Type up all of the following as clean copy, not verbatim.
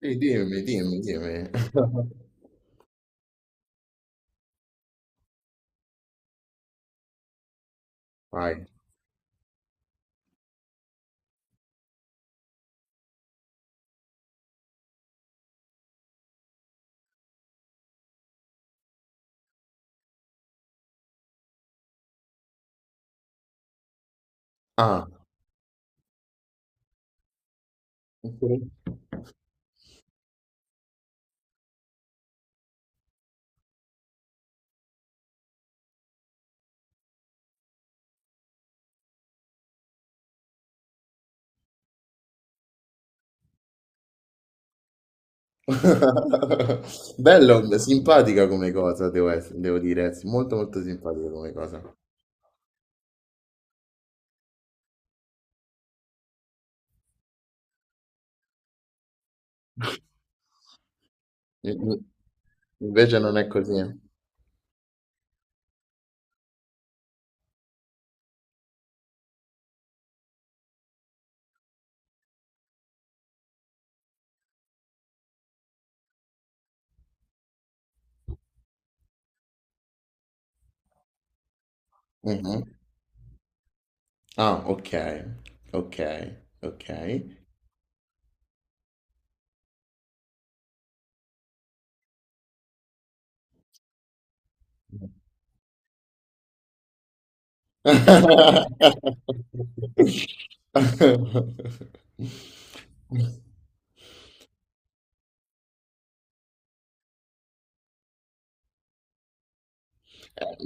Sì, dimmi, dimmi, dimmi. Vai. Ah, ok. Bello, simpatica come cosa, devo, devo dire, sì, molto molto simpatica come cosa. In- in- Invece non è così. Mhm. Ah, ok, ok, ok. Eh,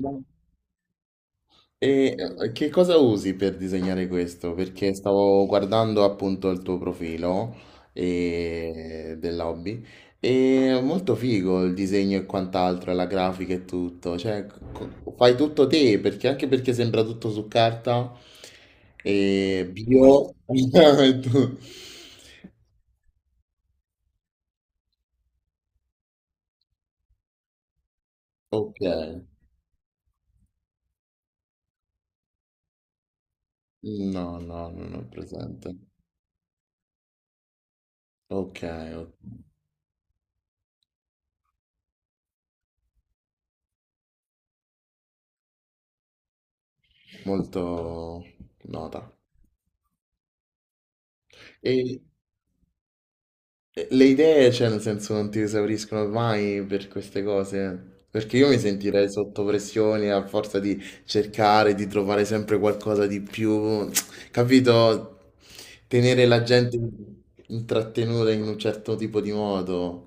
Che cosa usi per disegnare questo? Perché stavo guardando appunto il tuo profilo e... dell'hobby e è molto figo il disegno e quant'altro, la grafica e tutto, fai tutto te perché anche perché sembra tutto su carta e bio. Ok, no, no, non ho presente. Ok, ok. Molto nota. E Le idee, cioè, nel senso, non ti esauriscono mai per queste cose. Perché io mi sentirei sotto pressione a forza di cercare, di trovare sempre qualcosa di più, capito? Tenere la gente intrattenuta in un certo tipo di modo.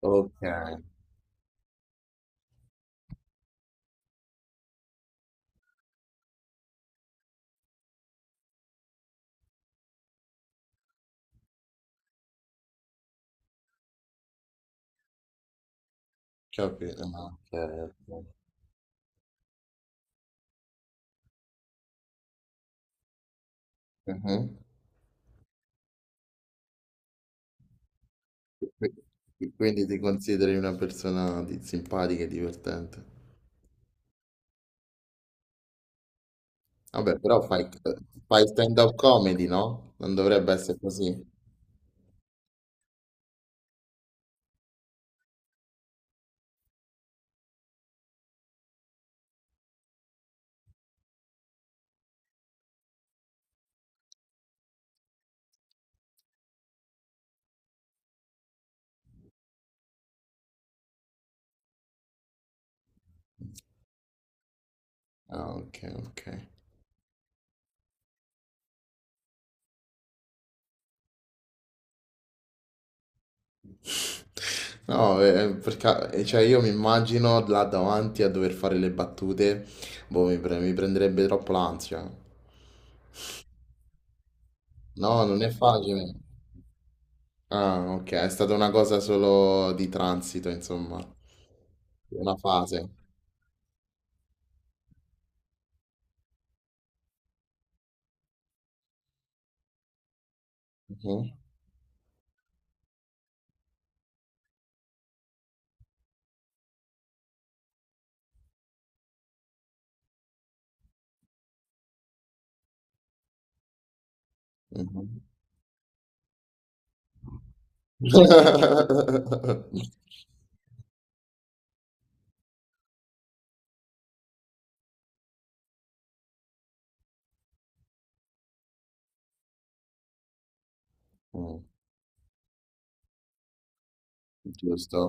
Ok, capito. No, ok, ok. Mhm. Quindi ti consideri una persona simpatica e divertente. Vabbè, fai stand-up comedy, no? Non dovrebbe essere così. Ah, ok, ok. No, perché cioè io mi immagino là davanti a dover fare le battute, boh, mi prenderebbe troppo l'ansia. No, non è facile. Ah, ok, è stata una cosa solo di transito, insomma, una fase. Mhm, mhm. Mm, giusto,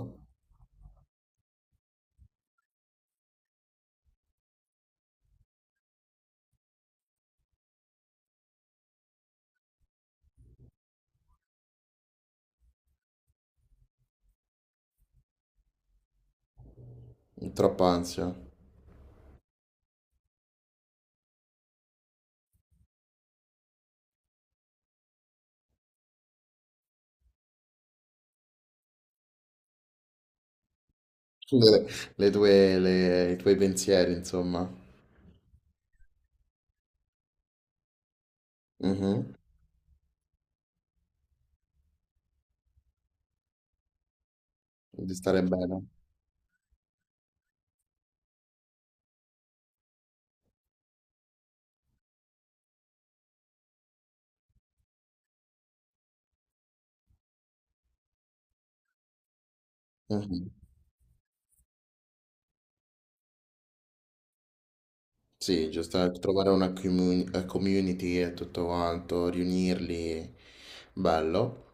troppa ansia. Le, I tuoi pensieri, insomma. Mhm, di stare bene. Mhm. Sì, giusto, trovare una community e tutto quanto, riunirli, bello.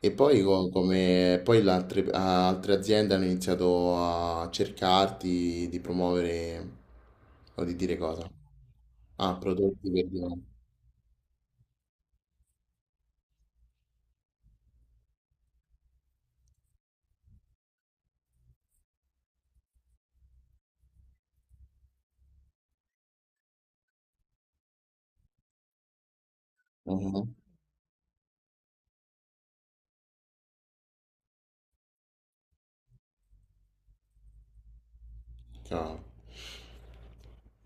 E poi, come, poi le altre, altre aziende hanno iniziato a cercarti di promuovere o di dire cosa? Ah, prodotti per... Mhm. Chiaro.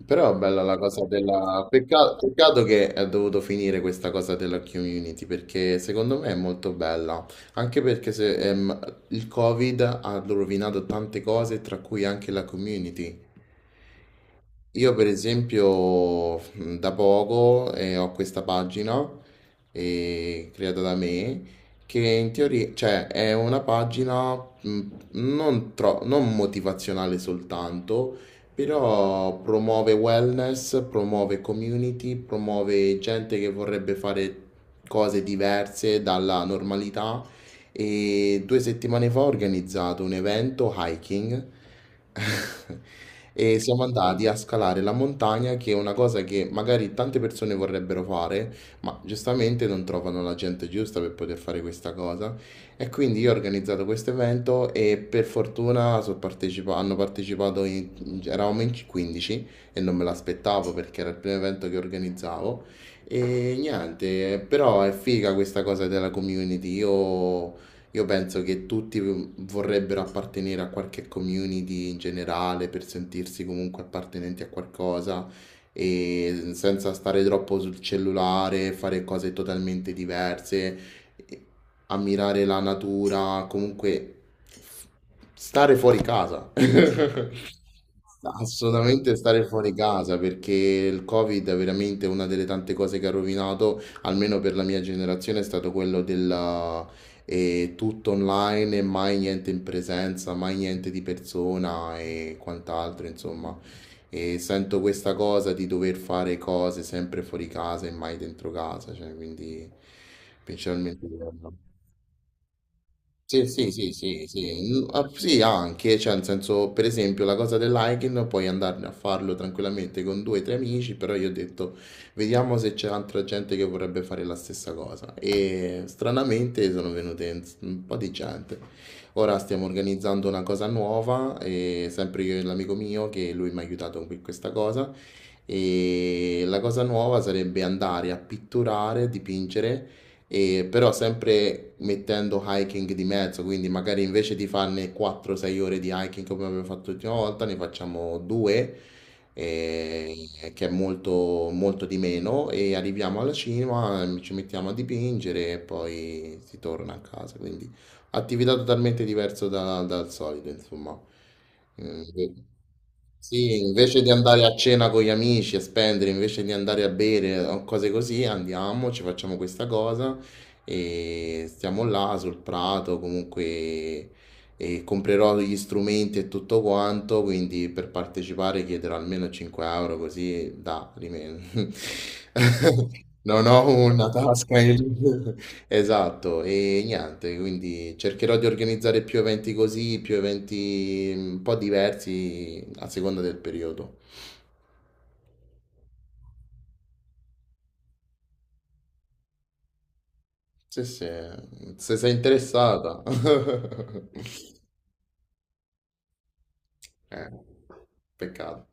Però è bella la cosa della... Peccato, che è dovuto finire questa cosa della community, perché secondo me è molto bella. Anche perché se, il Covid ha rovinato tante cose, tra cui anche la community. Io per esempio da poco ho questa pagina creata da me che in teoria, cioè è una pagina non motivazionale soltanto, però promuove wellness, promuove community, promuove gente che vorrebbe fare cose diverse dalla normalità, e 2 settimane fa ho organizzato un evento hiking. E siamo andati a scalare la montagna, che è una cosa che magari tante persone vorrebbero fare, ma giustamente non trovano la gente giusta per poter fare questa cosa. E quindi io ho organizzato questo evento e per fortuna hanno partecipato, eravamo in 15 e non me l'aspettavo perché era il primo evento che organizzavo. E niente, però è figa questa cosa della community. Io penso che tutti vorrebbero appartenere a qualche community in generale per sentirsi comunque appartenenti a qualcosa e senza stare troppo sul cellulare, fare cose totalmente diverse, e ammirare la natura, comunque f- stare fuori casa. Assolutamente stare fuori casa perché il Covid è veramente una delle tante cose che ha rovinato, almeno per la mia generazione, è stato quello del tutto online e mai niente in presenza, mai niente di persona e quant'altro, insomma. E sento questa cosa di dover fare cose sempre fuori casa e mai dentro casa, cioè, quindi principalmente... Sì, sì, sì, sì, sì, mm, ah, sì, anche, cioè, nel senso, per esempio, la cosa del hiking puoi andare a farlo tranquillamente con due o tre amici, però io ho detto, vediamo se c'è altra gente che vorrebbe fare la stessa cosa. E stranamente sono venute un po' di gente. Ora stiamo organizzando una cosa nuova, e sempre io e l'amico mio, che lui mi ha aiutato con questa cosa, e la cosa nuova sarebbe andare a pitturare, dipingere, e però sempre mettendo hiking di mezzo, quindi magari invece di farne 4-6 ore di hiking come abbiamo fatto l'ultima volta, ne facciamo due, eh, che è molto, molto di meno, e arriviamo alla cima, ci mettiamo a dipingere e poi si torna a casa, quindi attività totalmente diversa dal solito, insomma. Mm, sì, invece di andare a cena con gli amici e spendere, invece di andare a bere o cose così, andiamo, ci facciamo questa cosa e stiamo là sul prato, comunque, e comprerò gli strumenti e tutto quanto, quindi per partecipare chiederò almeno 5 € così da rimedio. Non ho una tasca in... Esatto, e niente, quindi cercherò di organizzare più eventi così, più eventi mm, un po' diversi a seconda del periodo. Sì, sì, se sei interessata. Eh, peccato.